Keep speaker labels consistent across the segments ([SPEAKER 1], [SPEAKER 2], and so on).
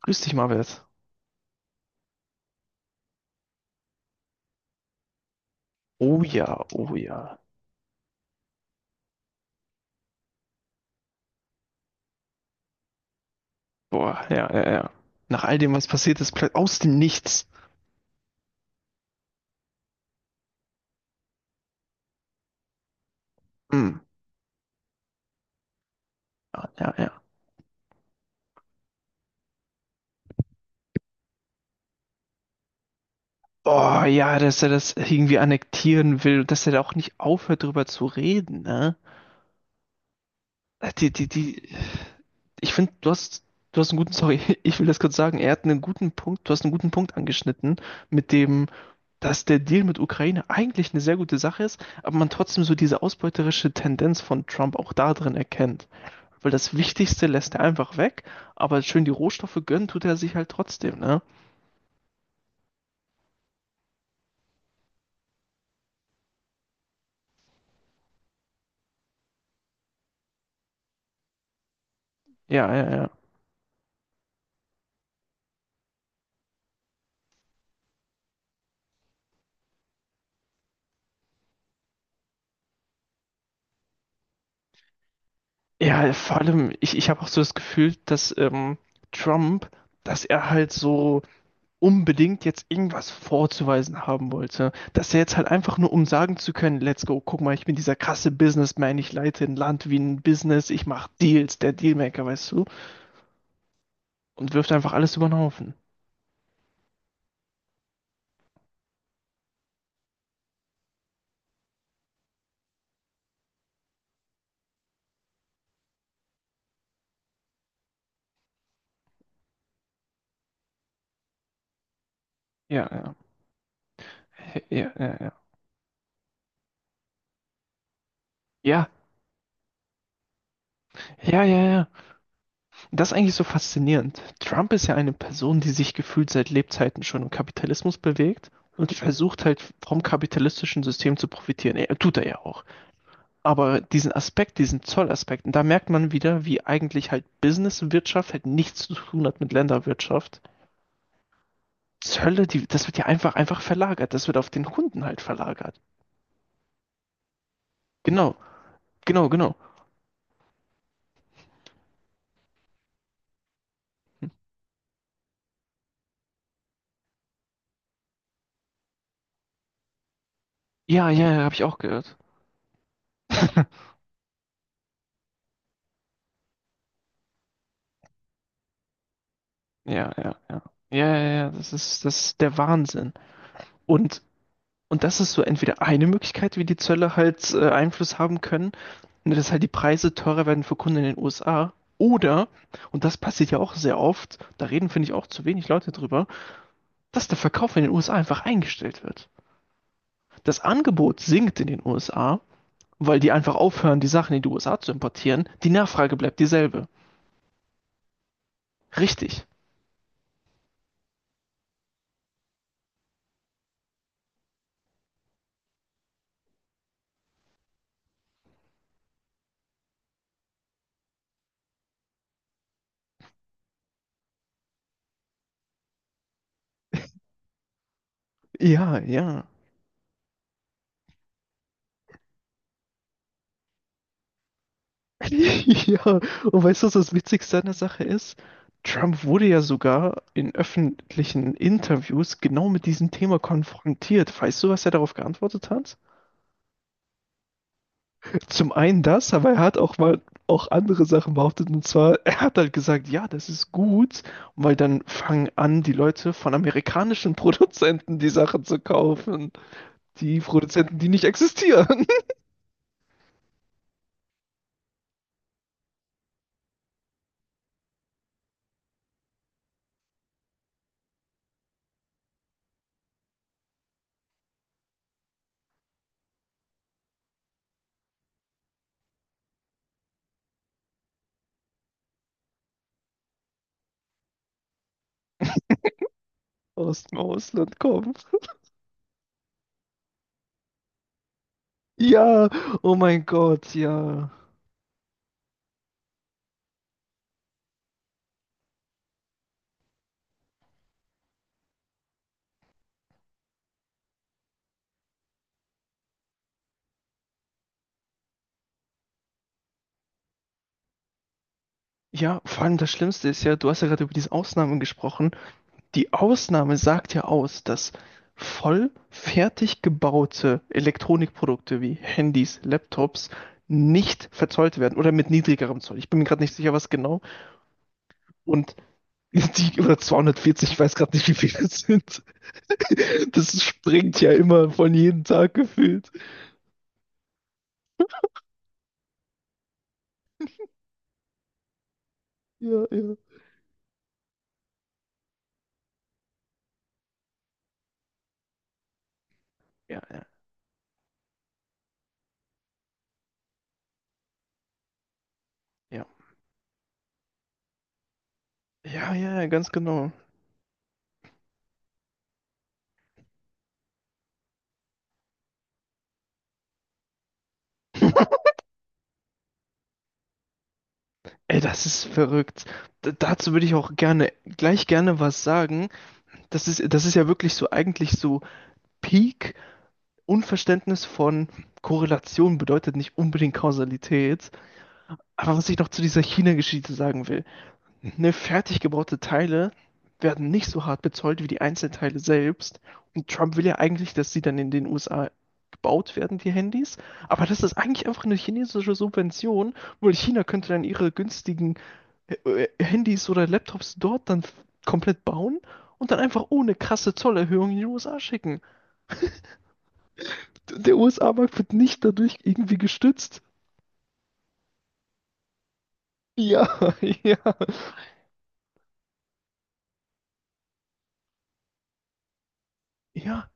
[SPEAKER 1] Grüß dich, Marvels. Oh ja, oh ja. Boah, ja, ja, ja. Nach all dem, was passiert ist, plötzlich aus dem Nichts. Hm. Ja, ja, ja. Oh ja, dass er das irgendwie annektieren will, dass er da auch nicht aufhört, drüber zu reden, ne? Die. Ich finde, du hast einen guten, sorry, ich will das kurz sagen, er hat einen guten Punkt, du hast einen guten Punkt angeschnitten, mit dem, dass der Deal mit Ukraine eigentlich eine sehr gute Sache ist, aber man trotzdem so diese ausbeuterische Tendenz von Trump auch da drin erkennt. Weil das Wichtigste lässt er einfach weg, aber schön die Rohstoffe gönnen tut er sich halt trotzdem, ne? Ja, ja, ja. Ja, vor allem, ich habe auch so das Gefühl, dass Trump, dass er halt so unbedingt jetzt irgendwas vorzuweisen haben wollte. Dass er jetzt halt einfach nur, um sagen zu können, let's go, guck mal, ich bin dieser krasse Businessman, ich leite ein Land wie ein Business, ich mache Deals, der Dealmaker, weißt du? Und wirft einfach alles über den Haufen. Ja, ja, ja, ja, ja. Ja, ja, ja, ja. Das ist eigentlich so faszinierend. Trump ist ja eine Person, die sich gefühlt seit Lebzeiten schon im Kapitalismus bewegt und versucht halt vom kapitalistischen System zu profitieren. Er, tut er ja auch. Aber diesen Aspekt, diesen Zollaspekt, und da merkt man wieder, wie eigentlich halt Businesswirtschaft halt nichts zu tun hat mit Länderwirtschaft. Zölle, die, das wird ja einfach, einfach verlagert. Das wird auf den Kunden halt verlagert. Genau, genau, genau. Ja, ja, ja, habe ich auch gehört. Ja, ja, ja. Ja, ja, ja, das ist der Wahnsinn. Und das ist so entweder eine Möglichkeit, wie die Zölle halt Einfluss haben können, ne, dass halt die Preise teurer werden für Kunden in den USA. Oder, und das passiert ja auch sehr oft, da reden, finde ich, auch zu wenig Leute drüber, dass der Verkauf in den USA einfach eingestellt wird. Das Angebot sinkt in den USA, weil die einfach aufhören, die Sachen in die USA zu importieren. Die Nachfrage bleibt dieselbe. Richtig. Ja, ja. Ja, und weißt du, was das Witzigste an der Sache ist? Trump wurde ja sogar in öffentlichen Interviews genau mit diesem Thema konfrontiert. Weißt du, was er darauf geantwortet hat? Zum einen das, aber er hat auch mal auch andere Sachen behauptet. Und zwar, er hat halt gesagt, ja, das ist gut, weil dann fangen an, die Leute von amerikanischen Produzenten die Sachen zu kaufen. Die Produzenten, die nicht existieren, aus dem Ausland kommen. Ja, oh mein Gott, ja. Ja, vor allem das Schlimmste ist ja, du hast ja gerade über diese Ausnahmen gesprochen. Die Ausnahme sagt ja aus, dass voll fertig gebaute Elektronikprodukte wie Handys, Laptops nicht verzollt werden oder mit niedrigerem Zoll. Ich bin mir gerade nicht sicher, was genau. Und die oder 240, ich weiß gerade nicht, wie viele es sind. Das springt ja immer von jedem Tag gefühlt. Ja, ja. Ja, ja, ja. Ja, ja, ja, ganz genau. Ey, das ist verrückt. D dazu würde ich auch gerne, gleich gerne was sagen. Das ist ja wirklich so eigentlich so Peak Unverständnis von Korrelation bedeutet nicht unbedingt Kausalität. Aber was ich noch zu dieser China-Geschichte sagen will. Ne, fertig gebaute Teile werden nicht so hart bezollt wie die Einzelteile selbst. Und Trump will ja eigentlich, dass sie dann in den USA gebaut werden, die Handys. Aber das ist eigentlich einfach eine chinesische Subvention, weil China könnte dann ihre günstigen äh, Handys oder Laptops dort dann komplett bauen und dann einfach ohne krasse Zollerhöhung in die USA schicken. Der USA-Markt wird nicht dadurch irgendwie gestützt. Ja, ja. Ja.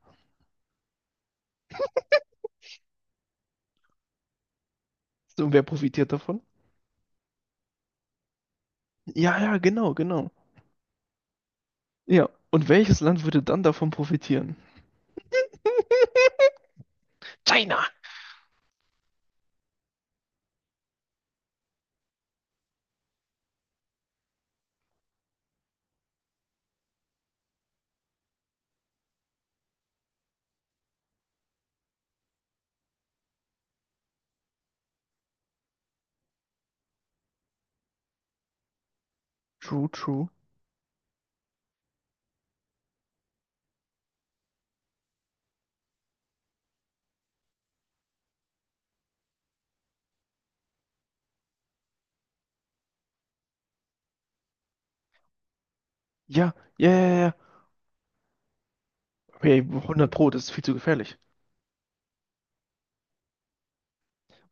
[SPEAKER 1] So, und wer profitiert davon? Ja, ja, genau, genau. Ja, und welches Land würde dann davon profitieren? China! True, true. Ja, ja, ja, ja. Okay, 100 Pro, das ist viel zu gefährlich.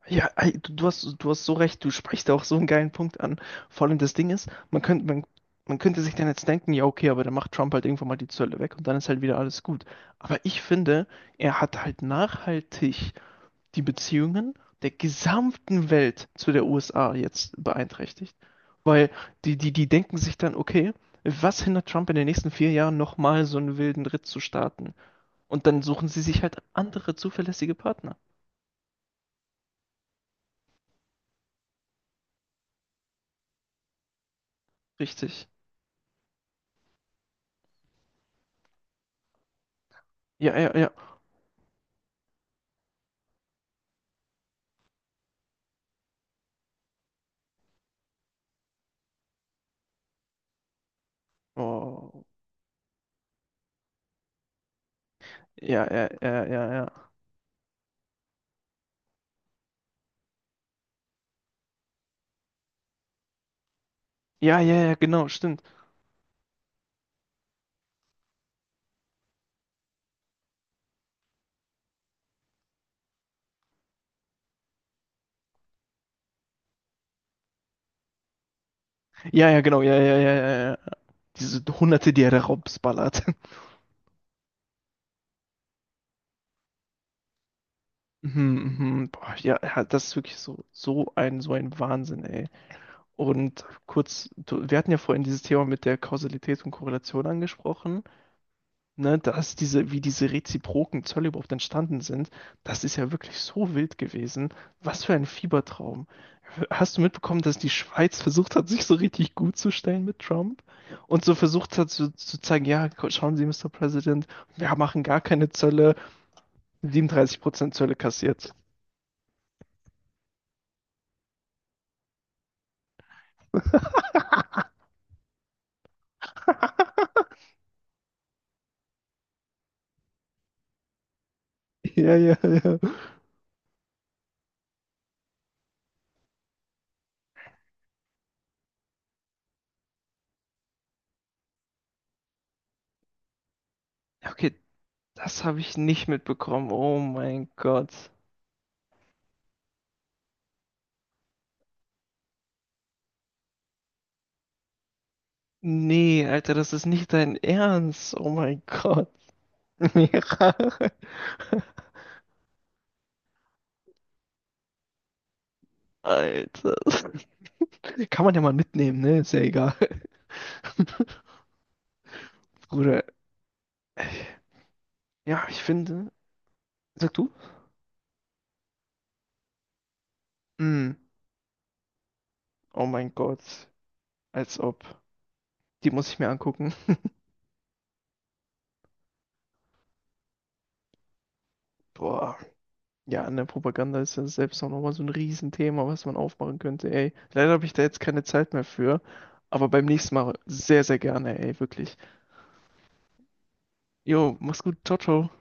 [SPEAKER 1] Ja, ey, du, du hast so recht, du sprichst auch so einen geilen Punkt an. Vor allem das Ding ist, man könnte sich dann jetzt denken, ja, okay, aber dann macht Trump halt irgendwann mal die Zölle weg und dann ist halt wieder alles gut. Aber ich finde, er hat halt nachhaltig die Beziehungen der gesamten Welt zu der USA jetzt beeinträchtigt. Weil die denken sich dann, okay, was hindert Trump in den nächsten 4 Jahren nochmal so einen wilden Ritt zu starten? Und dann suchen sie sich halt andere zuverlässige Partner. Richtig. Ja, ja, ja. Oh. Ja, ja, ja, ja, ja. Ja, ja, ja, genau, stimmt. Ja, ja, genau, ja, ja, ja, ja. Diese Hunderte, die er da raubsballert. Mhm, mhm. Boah, ja, ja, das ist wirklich so, so ein Wahnsinn, ey. Und kurz, wir hatten ja vorhin dieses Thema mit der Kausalität und Korrelation angesprochen, ne, dass diese, wie diese reziproken Zölle überhaupt entstanden sind, das ist ja wirklich so wild gewesen. Was für ein Fiebertraum. Hast du mitbekommen, dass die Schweiz versucht hat, sich so richtig gut zu stellen mit Trump und so versucht hat zu zeigen, ja, schauen Sie, Mister President, wir machen gar keine Zölle, 37% Zölle kassiert. Ja, ja, ja. Okay, das habe ich nicht mitbekommen. Oh mein Gott. Nee, Alter, das ist nicht dein Ernst. Oh mein Gott. Mira. Alter. Kann man ja mal mitnehmen, ne? Ist ja egal. Bruder. Ja, ich finde. Sag du? Mm. Oh mein Gott. Als ob. Die muss ich mir angucken. Boah. Ja, an der Propaganda ist ja selbst auch nochmal so ein Riesenthema, was man aufmachen könnte, ey. Leider habe ich da jetzt keine Zeit mehr für. Aber beim nächsten Mal sehr, sehr gerne, ey, wirklich. Jo, mach's gut. Ciao, ciao.